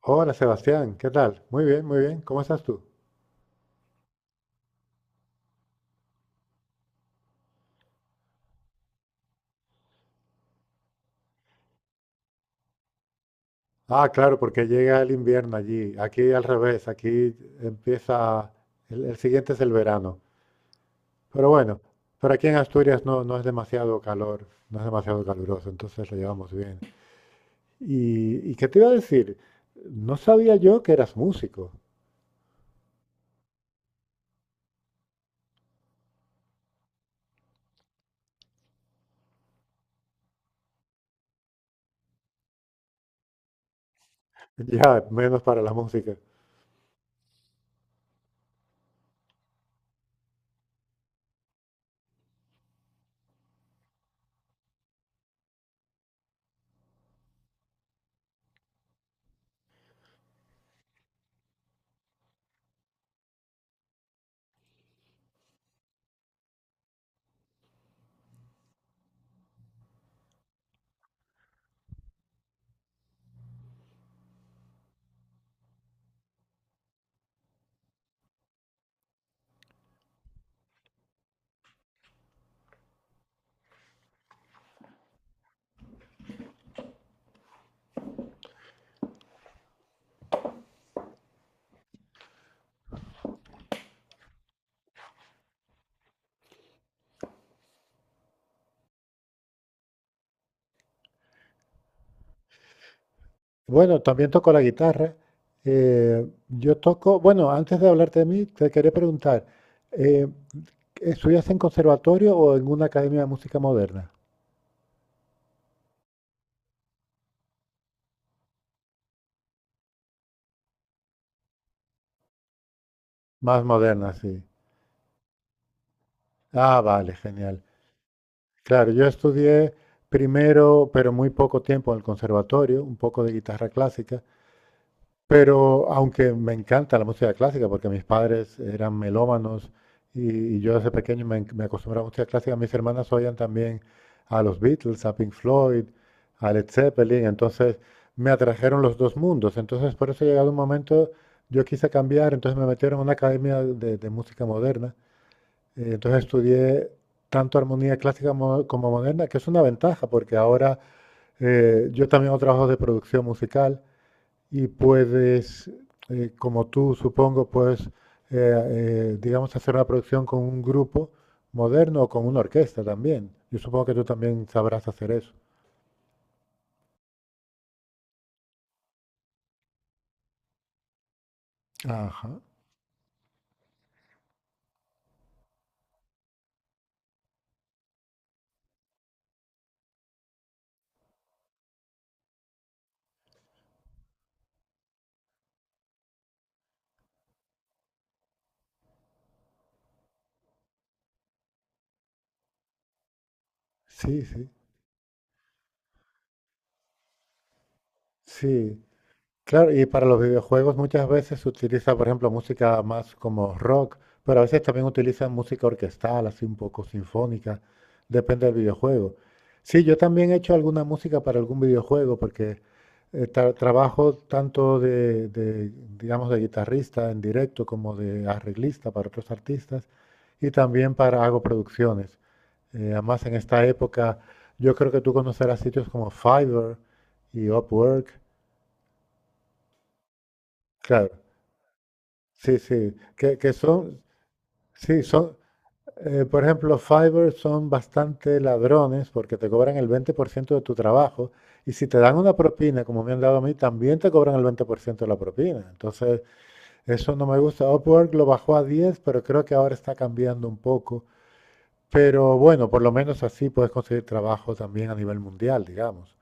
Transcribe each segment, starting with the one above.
Hola Sebastián, ¿qué tal? Muy bien, muy bien. ¿Cómo estás tú? Ah, claro, porque llega el invierno allí. Aquí al revés, aquí empieza, el siguiente es el verano. Pero bueno, pero aquí en Asturias no es demasiado calor, no es demasiado caluroso, entonces lo llevamos bien. ¿Y qué te iba a decir? No sabía yo que eras músico. Ya, menos para la música. Bueno, también toco la guitarra. Yo toco, bueno, antes de hablarte de mí, te quería preguntar. Eh, ¿Estudias en conservatorio o en una academia de música moderna? Más moderna, sí. Ah, vale, genial. Claro, yo estudié primero, pero muy poco tiempo en el conservatorio, un poco de guitarra clásica, pero aunque me encanta la música clásica, porque mis padres eran melómanos y yo desde pequeño me acostumbré a la música clásica, mis hermanas oían también a los Beatles, a Pink Floyd, a Led Zeppelin, entonces me atrajeron los dos mundos. Entonces por eso he llegado un momento, yo quise cambiar, entonces me metieron en una academia de música moderna. Entonces estudié tanto armonía clásica como moderna, que es una ventaja, porque ahora yo también hago trabajos de producción musical y puedes, como tú supongo, puedes, digamos, hacer una producción con un grupo moderno o con una orquesta también. Yo supongo que tú también sabrás hacer eso. Ajá. Sí, sí. Sí, claro, y para los videojuegos muchas veces se utiliza, por ejemplo, música más como rock, pero a veces también utilizan música orquestal, así un poco sinfónica, depende del videojuego. Sí, yo también he hecho alguna música para algún videojuego, porque trabajo tanto de, digamos, de guitarrista en directo como de arreglista para otros artistas y también para hago producciones. Además, en esta época, yo creo que tú conocerás sitios como Fiverr y Upwork. Claro. Sí, sí, que son, sí, son, por ejemplo, Fiverr son bastante ladrones porque te cobran el 20% de tu trabajo y si te dan una propina, como me han dado a mí, también te cobran el 20% de la propina. Entonces, eso no me gusta. Upwork lo bajó a 10, pero creo que ahora está cambiando un poco. Pero bueno, por lo menos así puedes conseguir trabajo también a nivel mundial, digamos.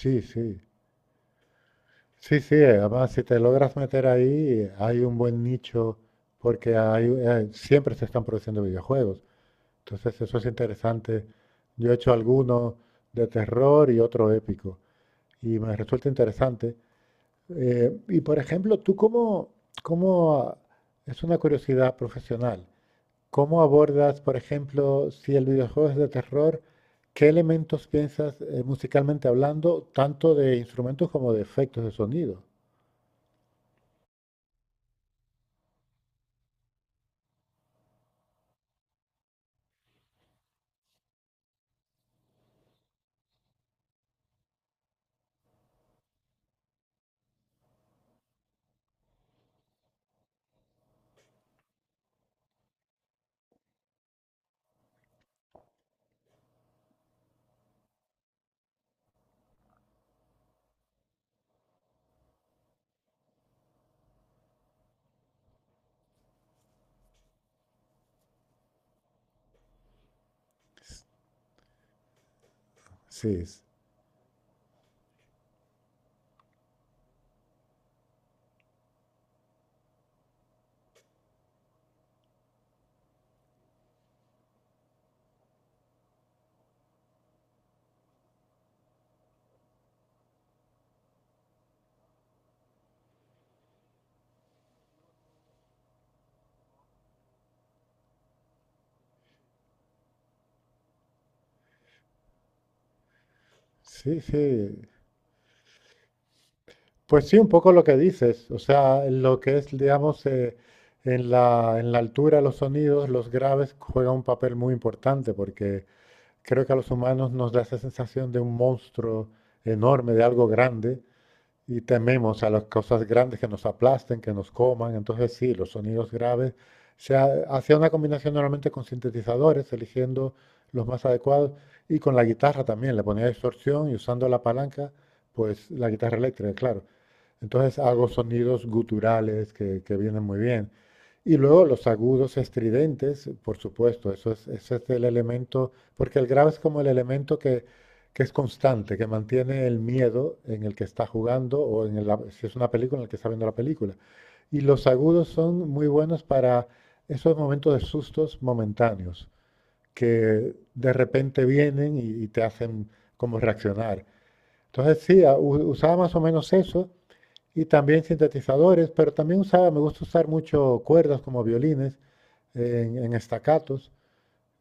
Sí, sí. Sí, sí, además si te logras meter ahí, hay un buen nicho porque hay, siempre se están produciendo videojuegos. Entonces eso es interesante. Yo he hecho alguno de terror y otro épico y me resulta interesante. Y por ejemplo, tú cómo, es una curiosidad profesional, ¿cómo abordas, por ejemplo, si el videojuego es de terror, qué elementos piensas musicalmente hablando, tanto de instrumentos como de efectos de sonido? Sí, sí, sí. Pues sí, un poco lo que dices. O sea, lo que es, digamos, en la altura, los sonidos, los graves juegan un papel muy importante porque creo que a los humanos nos da esa sensación de un monstruo enorme, de algo grande, y tememos a las cosas grandes que nos aplasten, que nos coman. Entonces sí, los sonidos graves. Se hacía una combinación normalmente con sintetizadores, eligiendo los más adecuados, y con la guitarra también. Le ponía distorsión y usando la palanca, pues la guitarra eléctrica, claro. Entonces hago sonidos guturales que vienen muy bien. Y luego los agudos estridentes, por supuesto, eso es, ese es el elemento, porque el grave es como el elemento que es constante, que mantiene el miedo en el que está jugando o en el, si es una película en el que está viendo la película. Y los agudos son muy buenos para esos momentos de sustos momentáneos, que de repente vienen y te hacen como reaccionar. Entonces sí, usaba más o menos eso y también sintetizadores, pero también usaba, me gusta usar mucho cuerdas como violines en estacatos,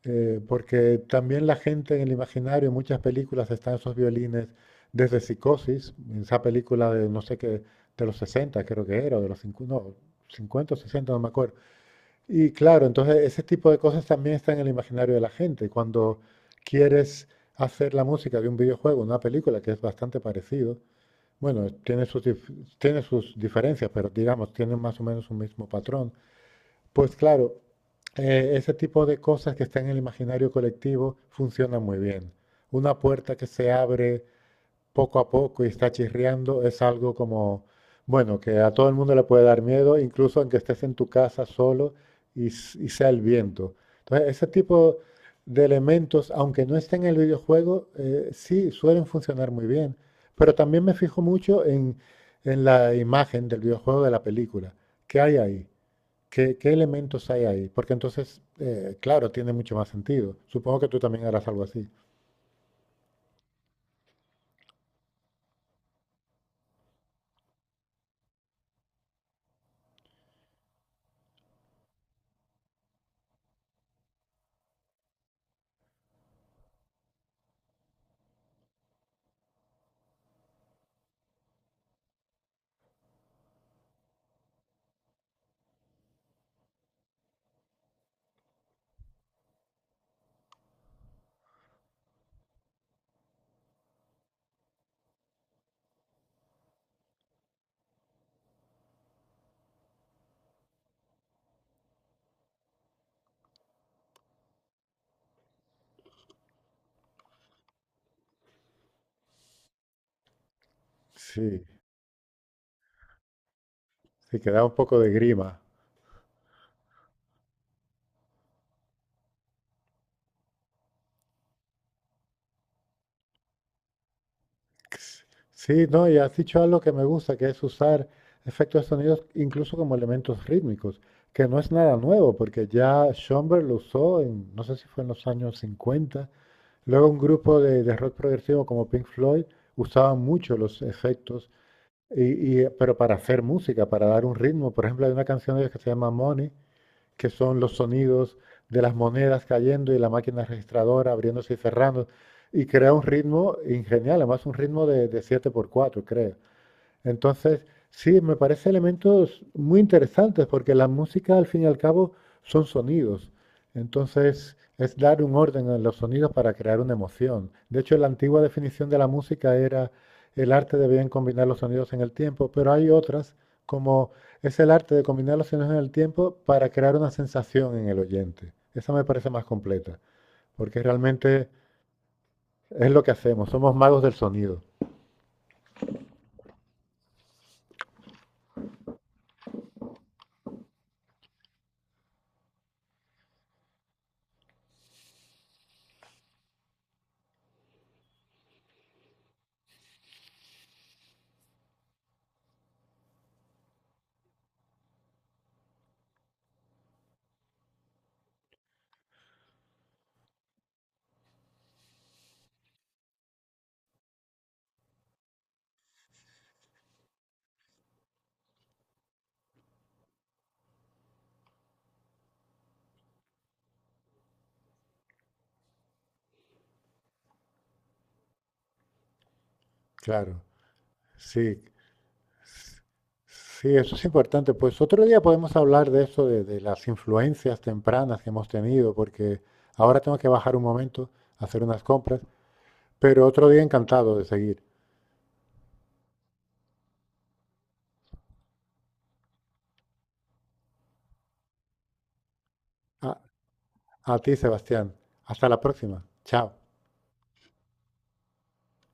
porque también la gente en el imaginario, en muchas películas están esos violines desde Psicosis, esa película de no sé qué, de los 60 creo que era, o de los 50, no, 50 o 60, no me acuerdo. Y claro, entonces ese tipo de cosas también está en el imaginario de la gente. Cuando quieres hacer la música de un videojuego, una película, que es bastante parecido, bueno, tiene sus diferencias, pero digamos, tiene más o menos un mismo patrón. Pues claro, ese tipo de cosas que están en el imaginario colectivo funcionan muy bien. Una puerta que se abre poco a poco y está chirriando, es algo como, bueno, que a todo el mundo le puede dar miedo, incluso aunque estés en tu casa solo y sea el viento. Entonces, ese tipo de elementos, aunque no estén en el videojuego, sí suelen funcionar muy bien. Pero también me fijo mucho en la imagen del videojuego de la película. ¿Qué hay ahí? ¿Qué elementos hay ahí? Porque entonces, claro, tiene mucho más sentido. Supongo que tú también harás algo así. Sí, sí, que da un poco de grima. Sí, no, y has dicho algo que me gusta, que es usar efectos de sonidos incluso como elementos rítmicos, que no es nada nuevo, porque ya Schomberg lo usó en, no sé si fue en los años 50. Luego un grupo de rock progresivo como Pink Floyd usaban mucho los efectos, pero para hacer música, para dar un ritmo. Por ejemplo, hay una canción de ellos que se llama Money, que son los sonidos de las monedas cayendo y la máquina registradora abriéndose y cerrando, y crea un ritmo ingenial, además un ritmo de 7/4, creo. Entonces, sí, me parece elementos muy interesantes porque la música al fin y al cabo son sonidos. Entonces, es dar un orden a los sonidos para crear una emoción. De hecho, la antigua definición de la música era el arte de bien combinar los sonidos en el tiempo, pero hay otras como es el arte de combinar los sonidos en el tiempo para crear una sensación en el oyente. Esa me parece más completa, porque realmente es lo que hacemos, somos magos del sonido. Claro, sí. Sí, eso es importante. Pues otro día podemos hablar de eso, de las influencias tempranas que hemos tenido, porque ahora tengo que bajar un momento a hacer unas compras, pero otro día encantado de seguir. A, a ti, Sebastián. Hasta la próxima. Chao.